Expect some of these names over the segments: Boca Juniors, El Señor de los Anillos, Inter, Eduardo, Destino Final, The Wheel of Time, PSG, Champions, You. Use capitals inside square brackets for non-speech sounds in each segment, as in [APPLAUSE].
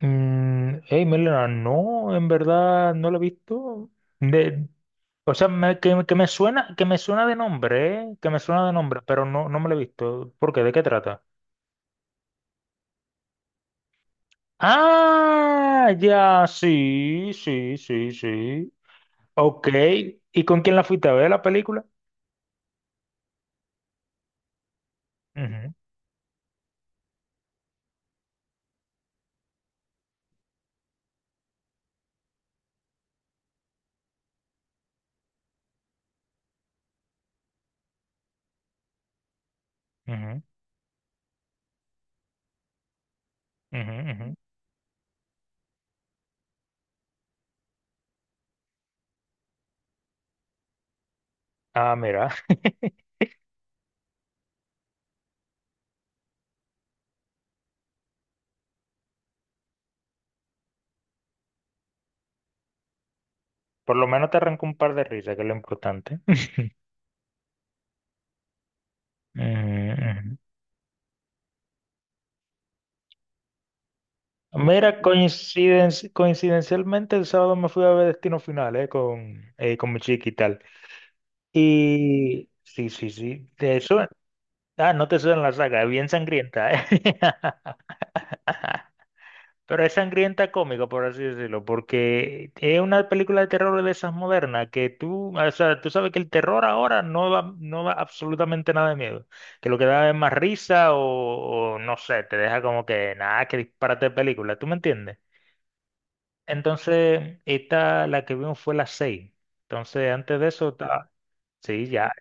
Mm, hey, Melena, no, en verdad no lo he visto. De, o sea, que me suena, que me suena de nombre, ¿eh? Que me suena de nombre, pero no, no me lo he visto. ¿Por qué? ¿De qué trata? Ah, ya, sí, sí, sí, sí. Ok. ¿Y con quién la fuiste a ver la película? Ujú, ujú, ujú, ujú. Ah, mira, [LAUGHS] por lo menos te arrancó un par de risas, que es lo importante. [LAUGHS] Ujú, ujú. Mira, coincidencialmente el sábado me fui a ver Destino Final, con mi chica y tal. Y sí, sí, sí, te suena. Ah, no te suena la saga, es bien sangrienta, eh. [LAUGHS] Pero es sangrienta cómica, por así decirlo, porque es una película de terror de esas modernas que tú, o sea, tú sabes que el terror ahora no da, no da absolutamente nada de miedo, que lo que da es más risa o no sé, te deja como que nada, que disparate de película, ¿tú me entiendes? Entonces, esta, la que vimos fue las seis. Entonces, antes de eso, ta- sí, ya,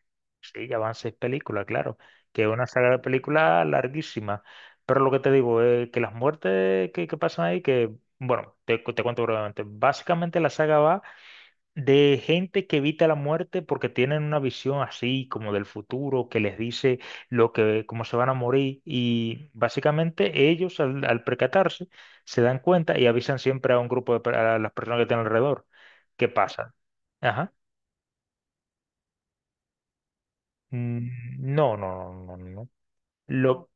sí, ya van seis películas, claro, que es una saga de películas larguísima. Pero lo que te digo es que las muertes que pasan ahí, que, bueno, te, te cuento brevemente. Básicamente la saga va de gente que evita la muerte porque tienen una visión así como del futuro que les dice lo que cómo se van a morir y básicamente ellos al percatarse se dan cuenta y avisan siempre a un grupo de a las personas que tienen alrededor. ¿Qué pasa? Ajá. Mm, no, no, no, no, no, no. Lo,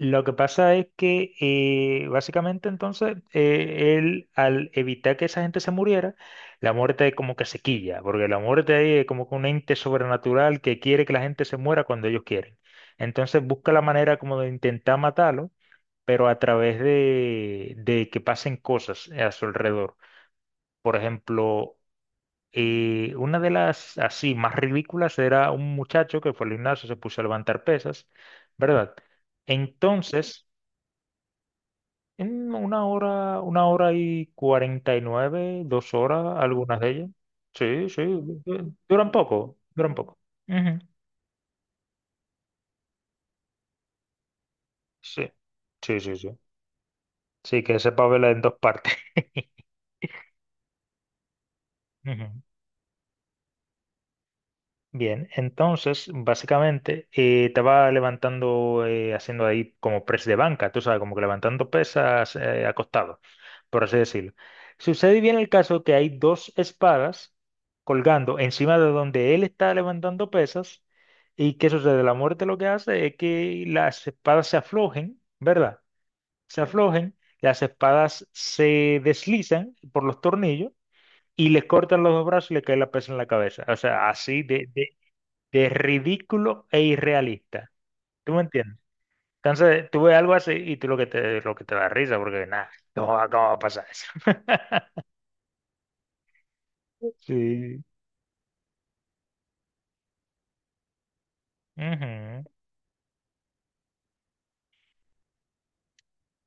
lo que pasa es que básicamente entonces él al evitar que esa gente se muriera, la muerte es como que se quilla, porque la muerte ahí es como que un ente sobrenatural que quiere que la gente se muera cuando ellos quieren. Entonces busca la manera como de intentar matarlo, pero a través de que pasen cosas a su alrededor. Por ejemplo, una de las así más ridículas era un muchacho que fue al gimnasio, se puso a levantar pesas, ¿verdad? Entonces... En una hora y cuarenta y nueve, dos horas, algunas de ellas. Sí, sí, duran poco, duran poco. Ujú. Sí, sí, sí, sí. Sí, que sepa verla en dos partes. [LAUGHS] Ujú. Bien, entonces básicamente te va levantando haciendo ahí como press de banca, tú sabes, como que levantando pesas acostado, por así decirlo. Sucede bien el caso que hay dos espadas colgando encima de donde él está levantando pesas y ¿qué sucede? La muerte lo que hace es que las espadas se aflojen, ¿verdad? Se aflojen, las espadas se deslizan por los tornillos y le cortan los dos brazos y le cae la pesa en la cabeza. O sea, así de ridículo e irrealista. ¿Tú me entiendes? Entonces, tú ves algo así y tú lo que lo que te da risa, porque nada, no, ¿cómo va a pasar eso? [LAUGHS] Sí. Ujú.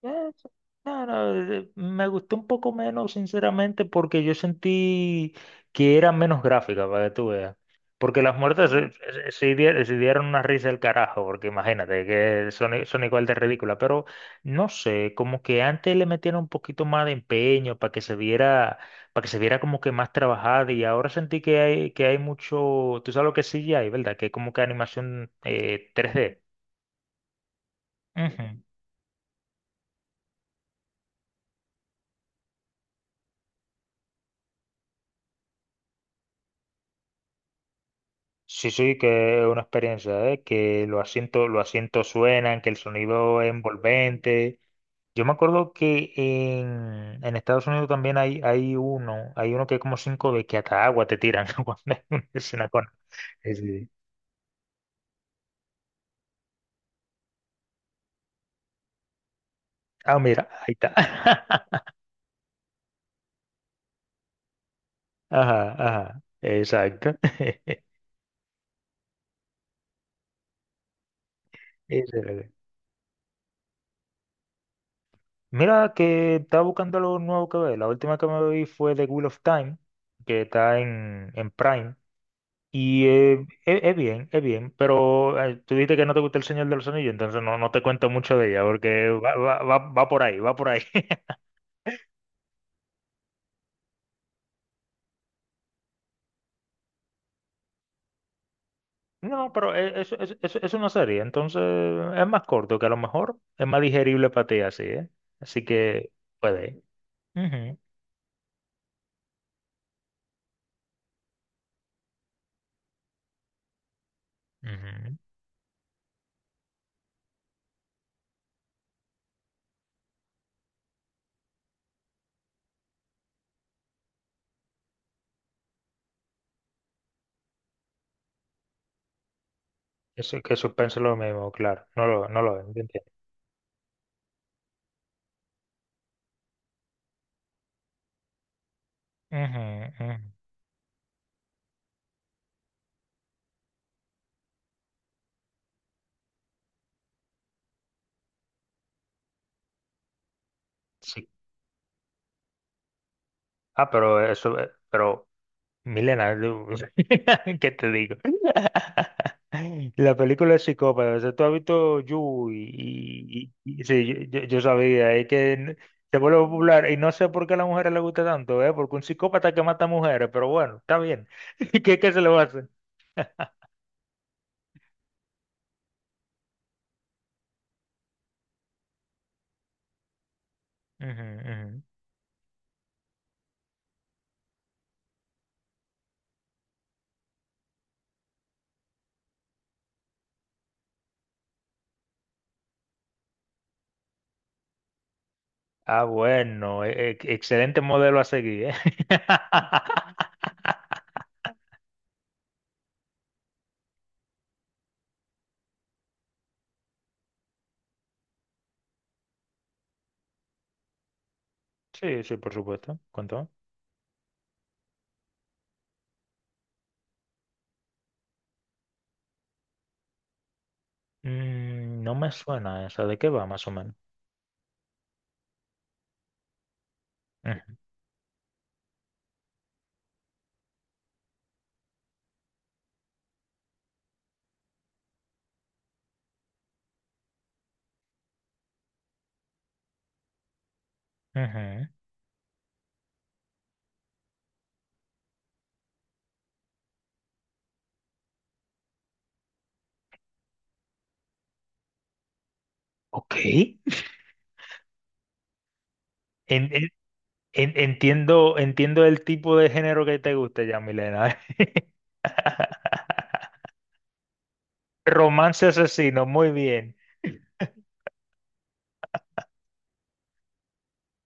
Ya, eso. No, no, me gustó un poco menos, sinceramente, porque yo sentí que era menos gráfica, para que tú veas. Porque las muertes mm, sí, sí dieron una risa del carajo, porque imagínate que son, son igual de ridículas, pero no sé, como que antes le metieron un poquito más de empeño para que se viera, para que se viera como que más trabajada y ahora sentí que hay mucho, tú sabes lo que sí hay, ¿verdad? Que es como que animación 3D. Sí, sí, que es una experiencia, ¿eh? Que los asientos suenan, que el sonido es envolvente. Yo me acuerdo que en Estados Unidos también hay, hay uno que es como cinco d que hasta agua te tiran [LAUGHS] cuando hay una escena con... Sí, sí. Ah, mira, ahí está. [LAUGHS] Ajá, ajá, exacto. [LAUGHS] Ese era el- Mira que estaba buscando algo nuevo que ver. La última que me vi fue The Wheel of Time, que está en Prime. Y es bien, pero tú dijiste que no te gusta El Señor de los Anillos, entonces no, no te cuento mucho de ella, porque va por ahí, va por ahí. [LAUGHS] No, pero es una serie, entonces es más corto, que a lo mejor es más digerible para ti así, ¿eh? Así que puede. Ujú, ujú. Eso, que suspenso es lo mismo, claro, no lo, no lo ven, yo entiendo. Ujú, ujú. Sí. Ah, pero eso, pero Milena, tú- [LAUGHS] ¿qué te digo? [LAUGHS] La película es psicópata. O sea, tú has visto You y, sí, yo, yo sabía, es que se vuelve popular y no sé por qué a las mujeres les gusta tanto, ¿eh? Porque un psicópata que mata mujeres, pero bueno, está bien. [LAUGHS] ¿Qué, qué se le va a hacer? Ujú, ujú. Ah, bueno, excelente modelo a seguir, ¿eh? [LAUGHS] Sí, sí, por supuesto. ¿Cuánto? Mm, no me suena esa. ¿De qué va, más o menos? Ujú, ujú. Ok. En- en- entiendo, entiendo el tipo de género que te gusta ya, Milena. [LAUGHS] Romance asesino, muy bien.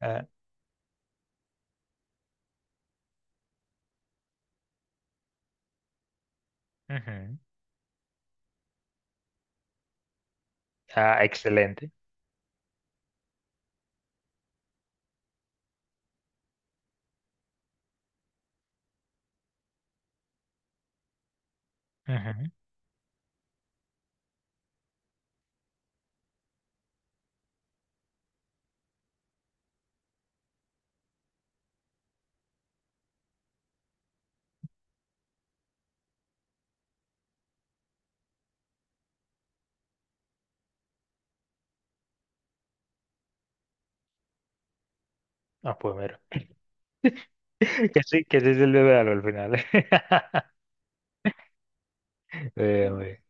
Ah, ujú. Ah, excelente. Ujú. Ah, pues mira. [LAUGHS] Que sí se le al final. [LAUGHS] Bien, bien.